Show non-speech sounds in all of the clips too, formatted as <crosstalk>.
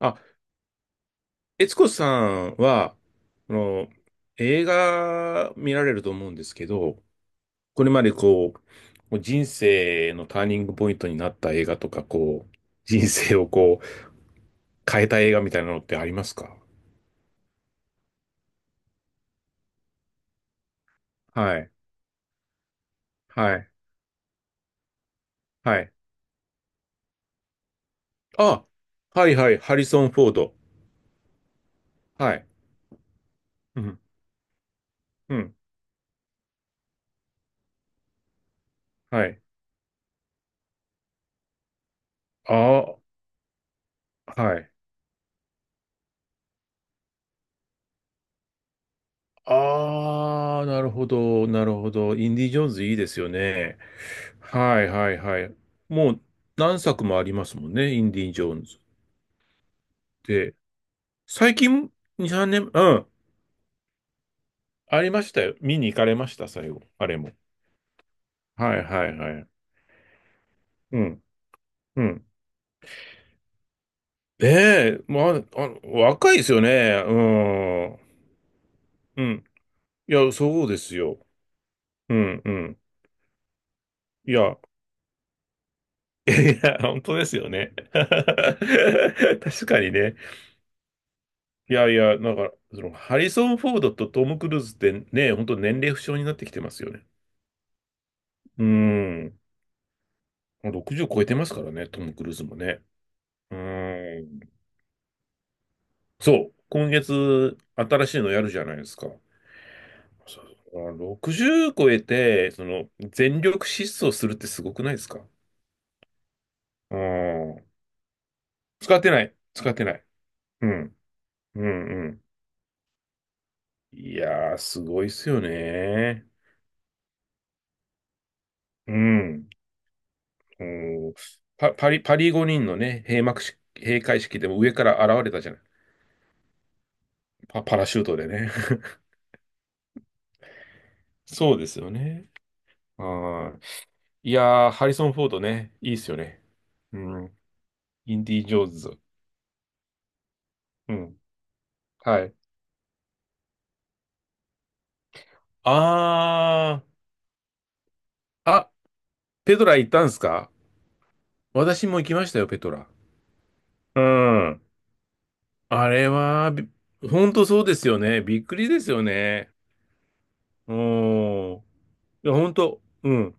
あ、悦子さんは、あの、映画見られると思うんですけど、これまでこう、もう人生のターニングポイントになった映画とか、こう、人生をこう、変えた映画みたいなのってありますか？はい、はい、はい。あ、はいはい、ハリソン・フォード。はい。うん、うん、はい。ああ、はい。ああ、なるほど、なるほど。インディ・ジョーンズいいですよね。はいはいはい。もう何作もありますもんね、インディ・ジョーンズって。最近、2、3年、うん、ありましたよ。見に行かれました、最後。あれも。はいはいはい。うん、うん。ねえ、まあ、若いですよね。うん。うん。いや、そうですよ。うん、うん。いや、いや、本当ですよね。<laughs> 確かにね。いやいや、なんか、ハリソン・フォードとトム・クルーズってね、本当年齢不詳になってきてますよね。うーん。60超えてますからね、トム・クルーズもね。うーん。そう。今月、新しいのやるじゃないですか。そう60超えて、全力疾走するってすごくないですか？うん。使ってない。使ってない。うん。うんうん。いやー、すごいっすよね。うん。うん。パリ五輪のね、閉幕式、閉会式でも上から現れたじゃない。パラシュートでね。<laughs> そうですよね。はい。いやー、ハリソン・フォードね、いいっすよね。うん。インディ・ジョーンズ。うん。はい。あー、あ、ペトラ行ったんすか？私も行きましたよ、ペトラ。うん。あれは、ほんとそうですよね。びっくりですよね。うん。いや、ほんと、うん。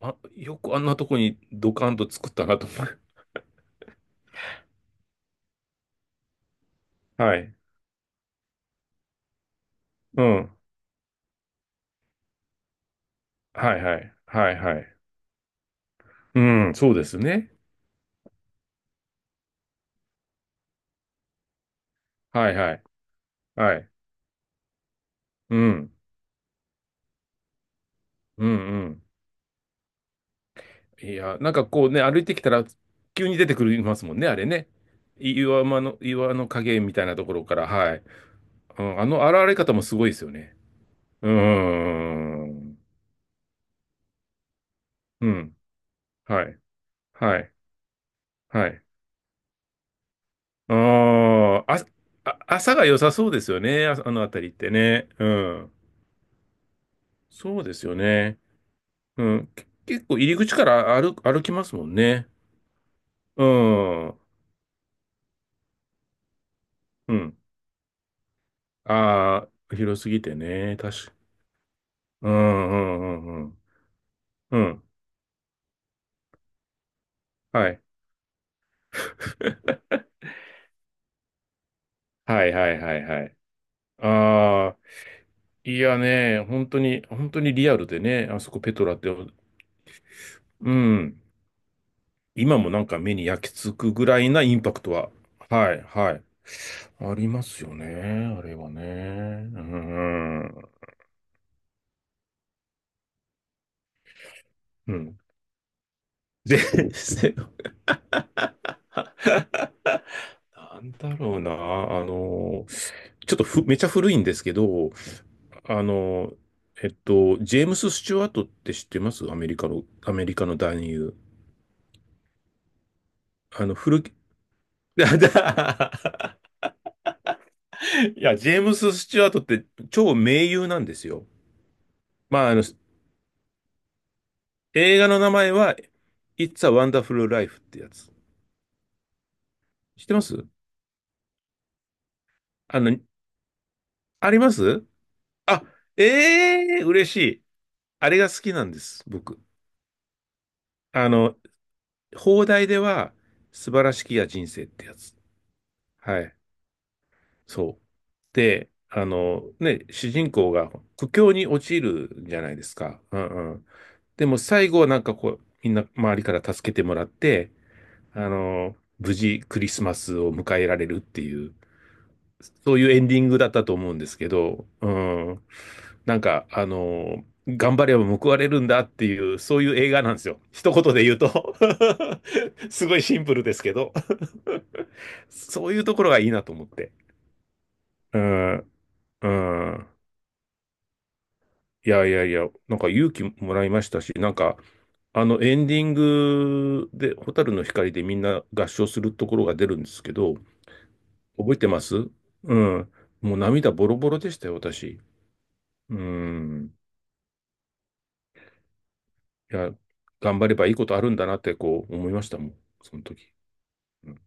あ、よくあんなとこにドカンと作ったなと思う。はい。うん。はいはい。はいはい。うん、そうですね。はいはい。はい。うん。うんうん。いや、なんかこうね、歩いてきたら急に出てくるますもんね、あれね。岩間の、岩の影みたいなところから、はい。うん、あの現れ方もすごいですよね。うーん。うん。はい。はい。はい。あーあ、あ、朝が良さそうですよね。あ、あのあたりってね。うん。そうですよね。うん。結構入り口から歩きますもんね。うん。うん。ああ、広すぎてね。確か。うんうんうんうん。うん。はい。<laughs> はいはいはいはい。ああ、いやね、本当に、本当にリアルでね、あそこペトラって、うん。今もなんか目に焼き付くぐらいなインパクトは、はい、はい。ありますよね、あれはね。うん。うん。で、<laughs> なんだろうな、ちょっとめちゃ古いんですけど、あの、ジェームス・スチュワートって知ってます？アメリカの、アメリカの男優。古き、<laughs> いや、ジェームス・スチュワートって超名優なんですよ。まあ、映画の名前は、It's a Wonderful Life ってやつ。知ってます？あの、あります？あ、ええー、嬉しい。あれが好きなんです、僕。あの、放題では、素晴らしきや人生ってやつ。はい。そう。で、ね、主人公が苦境に陥るじゃないですか。うんうん。でも最後はなんかこう、みんな周りから助けてもらって、無事クリスマスを迎えられるっていう、そういうエンディングだったと思うんですけど、うん。なんか、頑張れば報われるんだっていう、そういう映画なんですよ。一言で言うと。 <laughs> すごいシンプルですけど、そういうところがいいなと思って。うん、うん。いやいやいや、なんか勇気もらいましたし、なんか、あのエンディングで、蛍の光でみんな合唱するところが出るんですけど、覚えてます？うん。もう涙ボロボロでしたよ、私。うん。いや、頑張ればいいことあるんだなって、こう思いましたもん、その時。うん。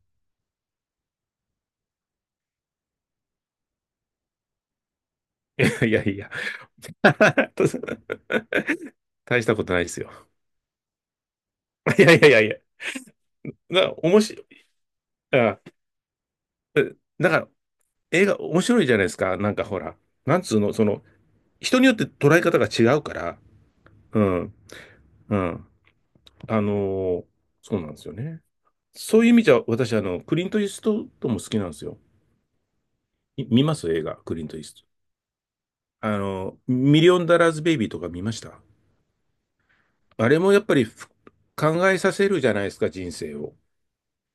<laughs> いやいや。<laughs> 大したことないですよ。<laughs> いやいやいやいや。な、おもし、あ、だから、映画面白いじゃないですか。なんかほら、なんつうの、人によって捉え方が違うから、うん、うん。あのーそうなんですよね。そういう意味じゃ、私、クリント・イーストウッドも好きなんですよ。見ます映画、クリント・イーストウッド。ミリオン・ダラーズ・ベイビーとか見ました？あれもやっぱり考えさせるじゃないですか、人生を。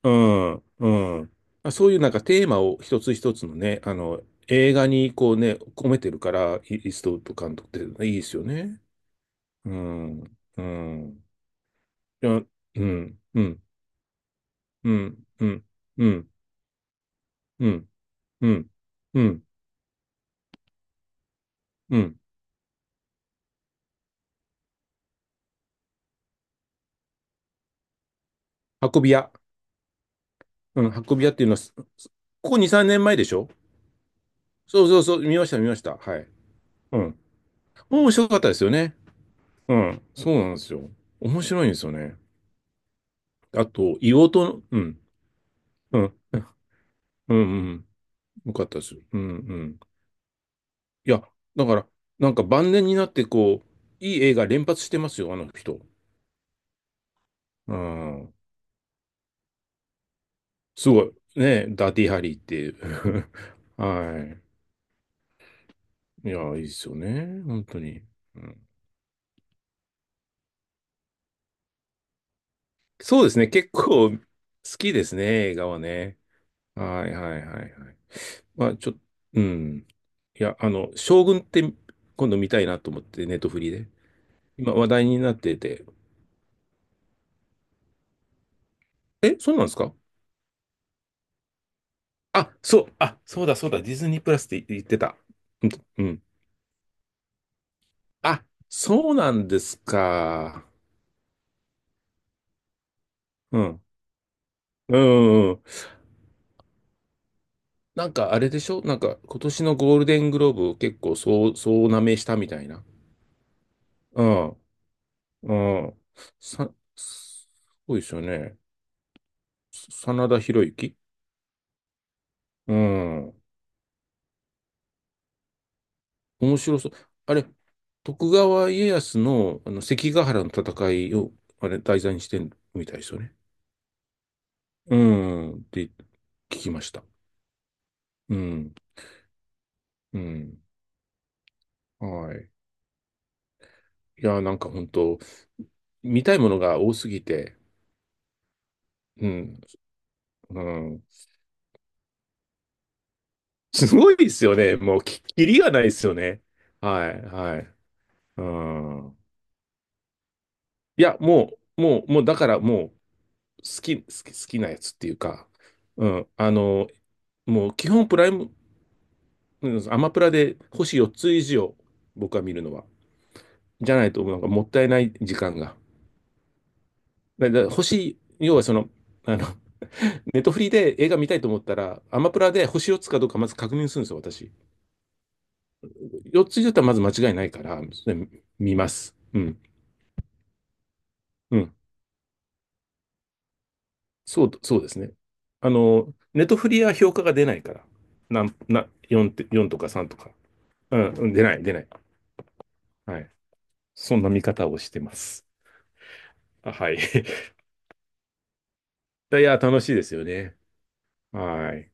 うん、うん。あそういうなんかテーマを一つ一つのね、映画にこうね、込めてるから、イーストウッド監督っていいですよね。うん、うん、いや、うん、うん、うん、うん、うん、うん、うん、うん、うん、うん運び屋。うん、運び屋っていうのは、ここ2、3年前でしょ？そうそうそう、見ました、見ました。はい。うん。面白かったですよね。うん、そうなんですよ。面白いんですよね。あと、硫黄島の、うん、うん、うん、うん、よかったです。うん、うん。いや、だから、なんか晩年になって、こう、いい映画連発してますよ、あの人。うん。すごい。ね、ダーティーハリーっていう。<laughs> はい。いや、いいですよね。本当に。うん、そうですね。結構好きですね、映画はね。はいはいはいはい。まあ、うん。いや、将軍って今度見たいなと思って、ネットフリで。今話題になってて。え、そうなんですか？あ、そう、あ、そうだそうだ、ディズニープラスって言ってた。うん。うん。あ、そうなんですか。うん。うん。なんかあれでしょ？なんか今年のゴールデングローブを結構そうなめしたみたいな。うん。うん。さ、すごいですよね。真田広之。うん。面白そう。あれ、徳川家康の、あの関ヶ原の戦いを、あれ、題材にしてるみたいですよね。うん。って聞きました。うん。うん。はい。いや、なんか本当見たいものが多すぎて、うん。うん。すごいですよね。もう、きりがないですよね。はい、はい。うん。いや、もう、もう、もう、だからもう、好き、好き、好きなやつっていうか、うん。もう、基本プライム、うんアマプラで星4つ以上、僕は見るのは。じゃないと、なんかもったいない時間が。星、要はあの、<laughs> ネットフリで映画見たいと思ったら、アマプラで星4つかどうかまず確認するんですよ、私。4つ以上だったらまず間違いないから、それ見ます。うん。うん。そう、そうですね。ネトフリは評価が出ないから。なん、な、4て、4とか3とか。うん、うん出ない、出ない。はい。そんな見方をしてます。あはい。<laughs> いや、楽しいですよね。はい。